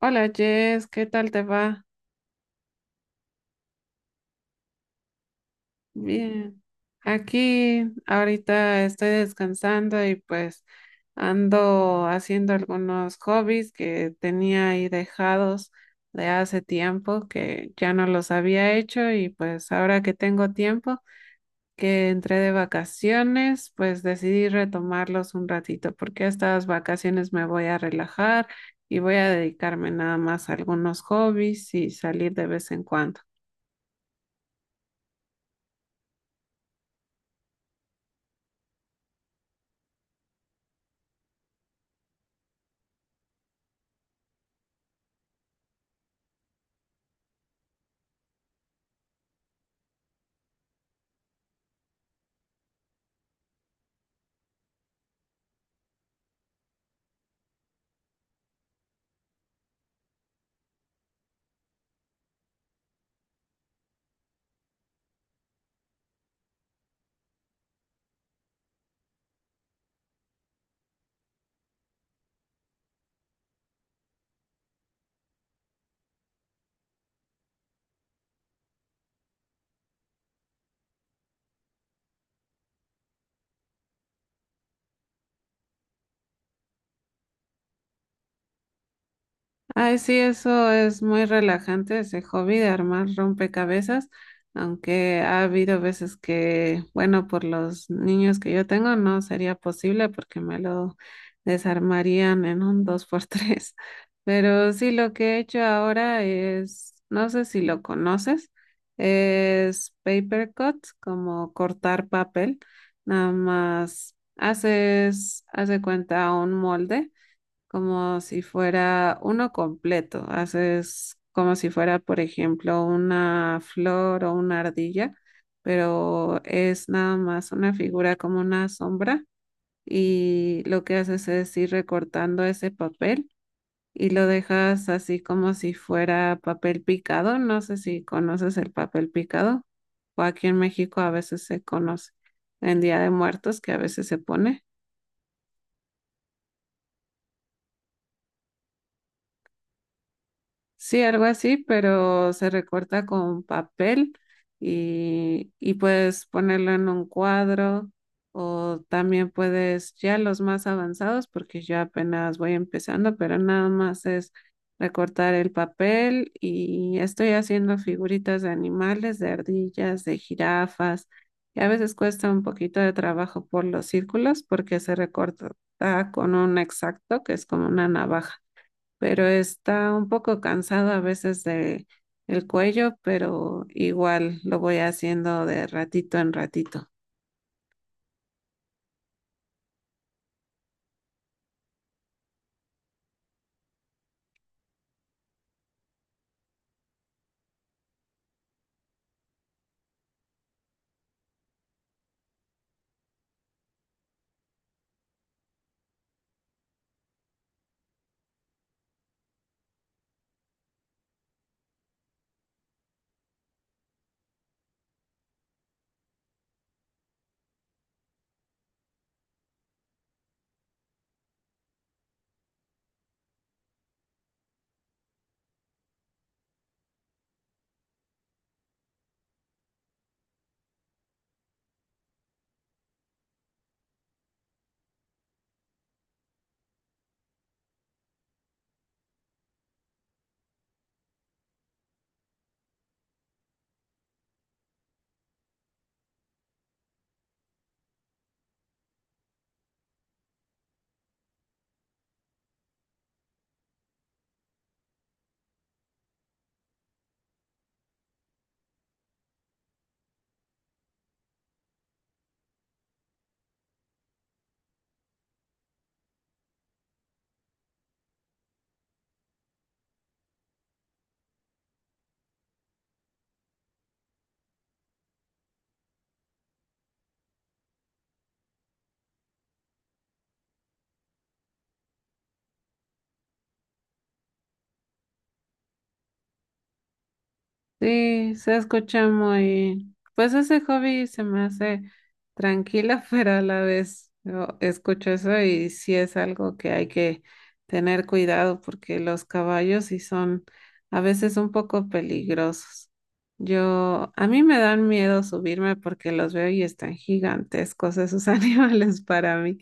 Hola Jess, ¿qué tal te va? Bien. Aquí ahorita estoy descansando y pues ando haciendo algunos hobbies que tenía ahí dejados de hace tiempo que ya no los había hecho y pues ahora que tengo tiempo que entré de vacaciones, pues decidí retomarlos un ratito porque estas vacaciones me voy a relajar y voy a dedicarme nada más a algunos hobbies y salir de vez en cuando. Ay, sí, eso es muy relajante, ese hobby de armar rompecabezas, aunque ha habido veces que, bueno, por los niños que yo tengo no sería posible porque me lo desarmarían en un dos por tres. Pero sí, lo que he hecho ahora es, no sé si lo conoces, es paper cut, como cortar papel. Nada más haces, hace cuenta un molde como si fuera uno completo. Haces como si fuera, por ejemplo, una flor o una ardilla, pero es nada más una figura como una sombra y lo que haces es ir recortando ese papel y lo dejas así como si fuera papel picado. No sé si conoces el papel picado o aquí en México a veces se conoce en Día de Muertos que a veces se pone. Sí, algo así, pero se recorta con papel y puedes ponerlo en un cuadro o también puedes, ya los más avanzados, porque yo apenas voy empezando, pero nada más es recortar el papel y estoy haciendo figuritas de animales, de ardillas, de jirafas y a veces cuesta un poquito de trabajo por los círculos porque se recorta con un exacto, que es como una navaja pero está un poco cansado a veces de el cuello, pero igual lo voy haciendo de ratito en ratito. Sí, se escucha muy, pues ese hobby se me hace tranquila, pero a la vez yo escucho eso y sí es algo que hay que tener cuidado porque los caballos sí son a veces un poco peligrosos. Yo, a mí me dan miedo subirme porque los veo y están gigantescos esos animales para mí,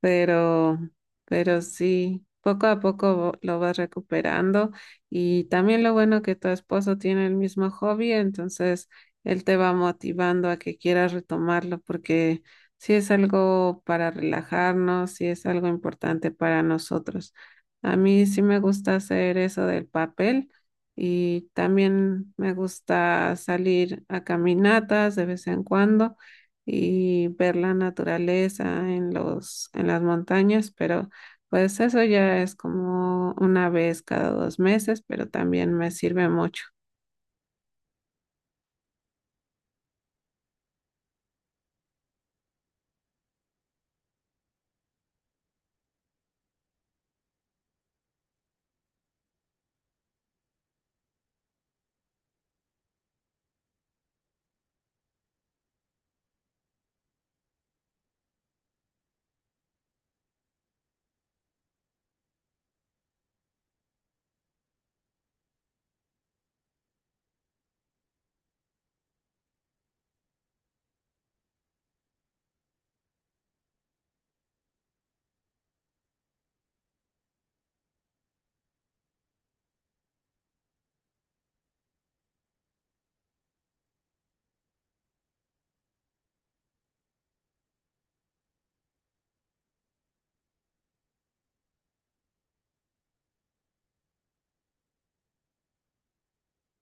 pero, pero sí, poco a poco lo vas recuperando. Y también lo bueno que tu esposo tiene el mismo hobby, entonces él te va motivando a que quieras retomarlo porque sí es algo para relajarnos, sí es algo importante para nosotros. A mí sí me gusta hacer eso del papel y también me gusta salir a caminatas de vez en cuando y ver la naturaleza en las montañas, pero pues eso ya es como una vez cada dos meses, pero también me sirve mucho.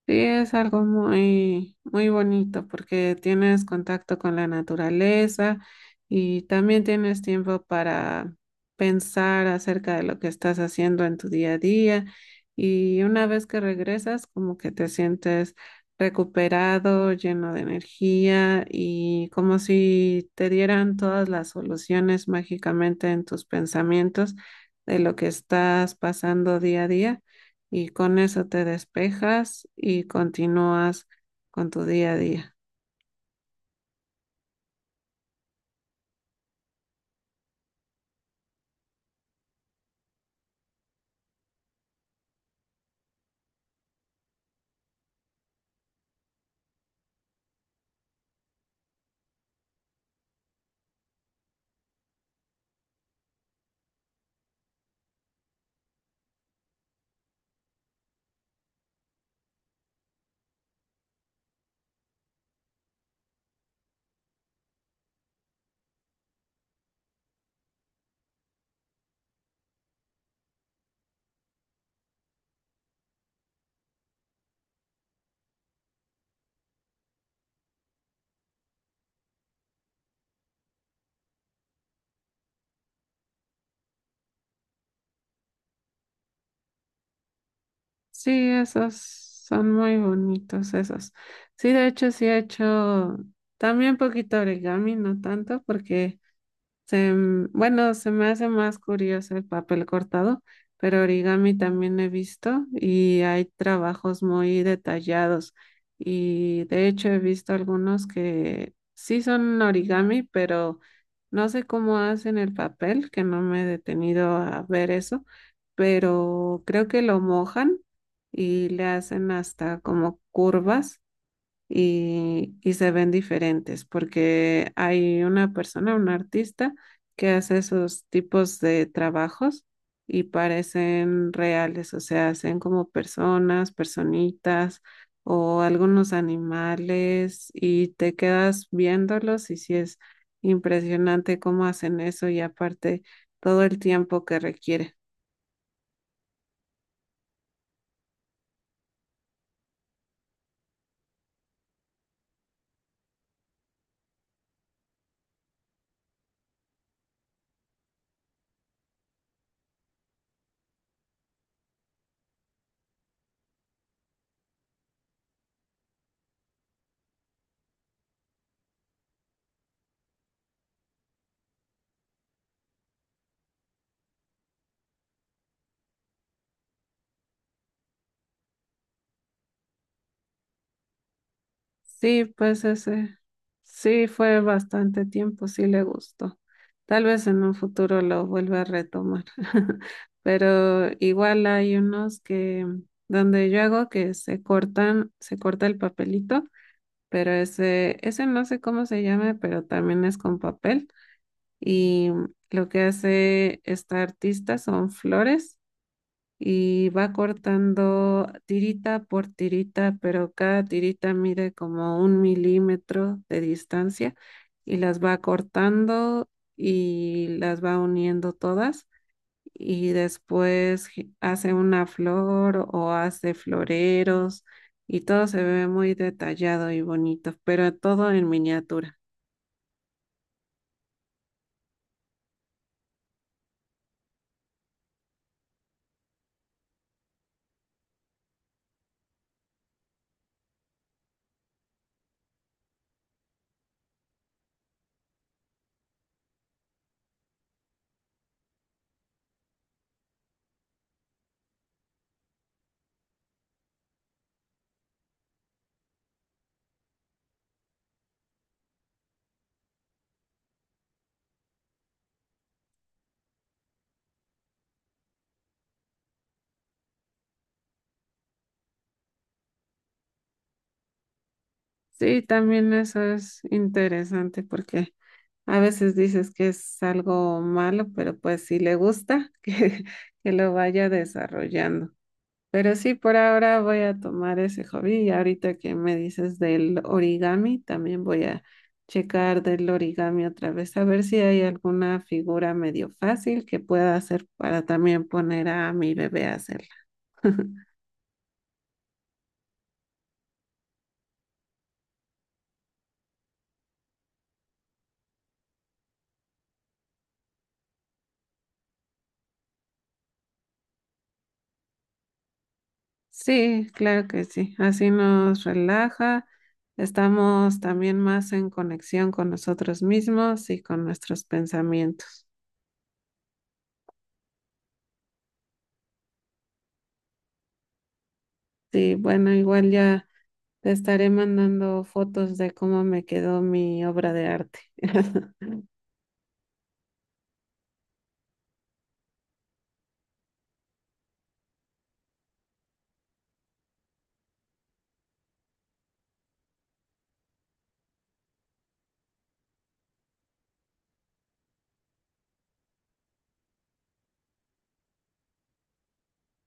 Sí, es algo muy, muy bonito porque tienes contacto con la naturaleza y también tienes tiempo para pensar acerca de lo que estás haciendo en tu día a día y una vez que regresas como que te sientes recuperado, lleno de energía y como si te dieran todas las soluciones mágicamente en tus pensamientos de lo que estás pasando día a día y con eso te despejas y continúas con tu día a día. Sí, esos son muy bonitos esos. Sí, de hecho, sí he hecho también poquito origami, no tanto porque bueno, se me hace más curioso el papel cortado, pero origami también he visto y hay trabajos muy detallados y de hecho he visto algunos que sí son origami, pero no sé cómo hacen el papel, que no me he detenido a ver eso, pero creo que lo mojan y le hacen hasta como curvas y se ven diferentes porque hay una persona, un artista que hace esos tipos de trabajos y parecen reales, o sea, hacen como personas, personitas o algunos animales y te quedas viéndolos y sí es impresionante cómo hacen eso y aparte todo el tiempo que requiere. Sí, pues ese, sí fue bastante tiempo, sí le gustó. Tal vez en un futuro lo vuelva a retomar, pero igual hay unos que donde yo hago que se cortan, se corta el papelito, pero ese no sé cómo se llama, pero también es con papel y lo que hace esta artista son flores y va cortando tirita por tirita, pero cada tirita mide como un milímetro de distancia y las va cortando y las va uniendo todas y después hace una flor o hace floreros y todo se ve muy detallado y bonito, pero todo en miniatura. Sí, también eso es interesante porque a veces dices que es algo malo, pero pues si le gusta, que lo vaya desarrollando. Pero sí, por ahora voy a tomar ese hobby y ahorita que me dices del origami, también voy a checar del origami otra vez, a ver si hay alguna figura medio fácil que pueda hacer para también poner a mi bebé a hacerla. Sí, claro que sí. Así nos relaja, estamos también más en conexión con nosotros mismos y con nuestros pensamientos. Sí, bueno, igual ya te estaré mandando fotos de cómo me quedó mi obra de arte.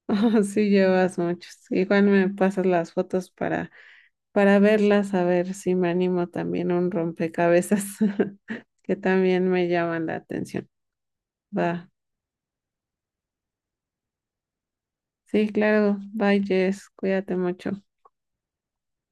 Oh, sí, llevas muchos. Igual me pasas las fotos para verlas, a ver si me animo también a un rompecabezas que también me llaman la atención. Va. Sí, claro. Bye, Jess. Cuídate mucho.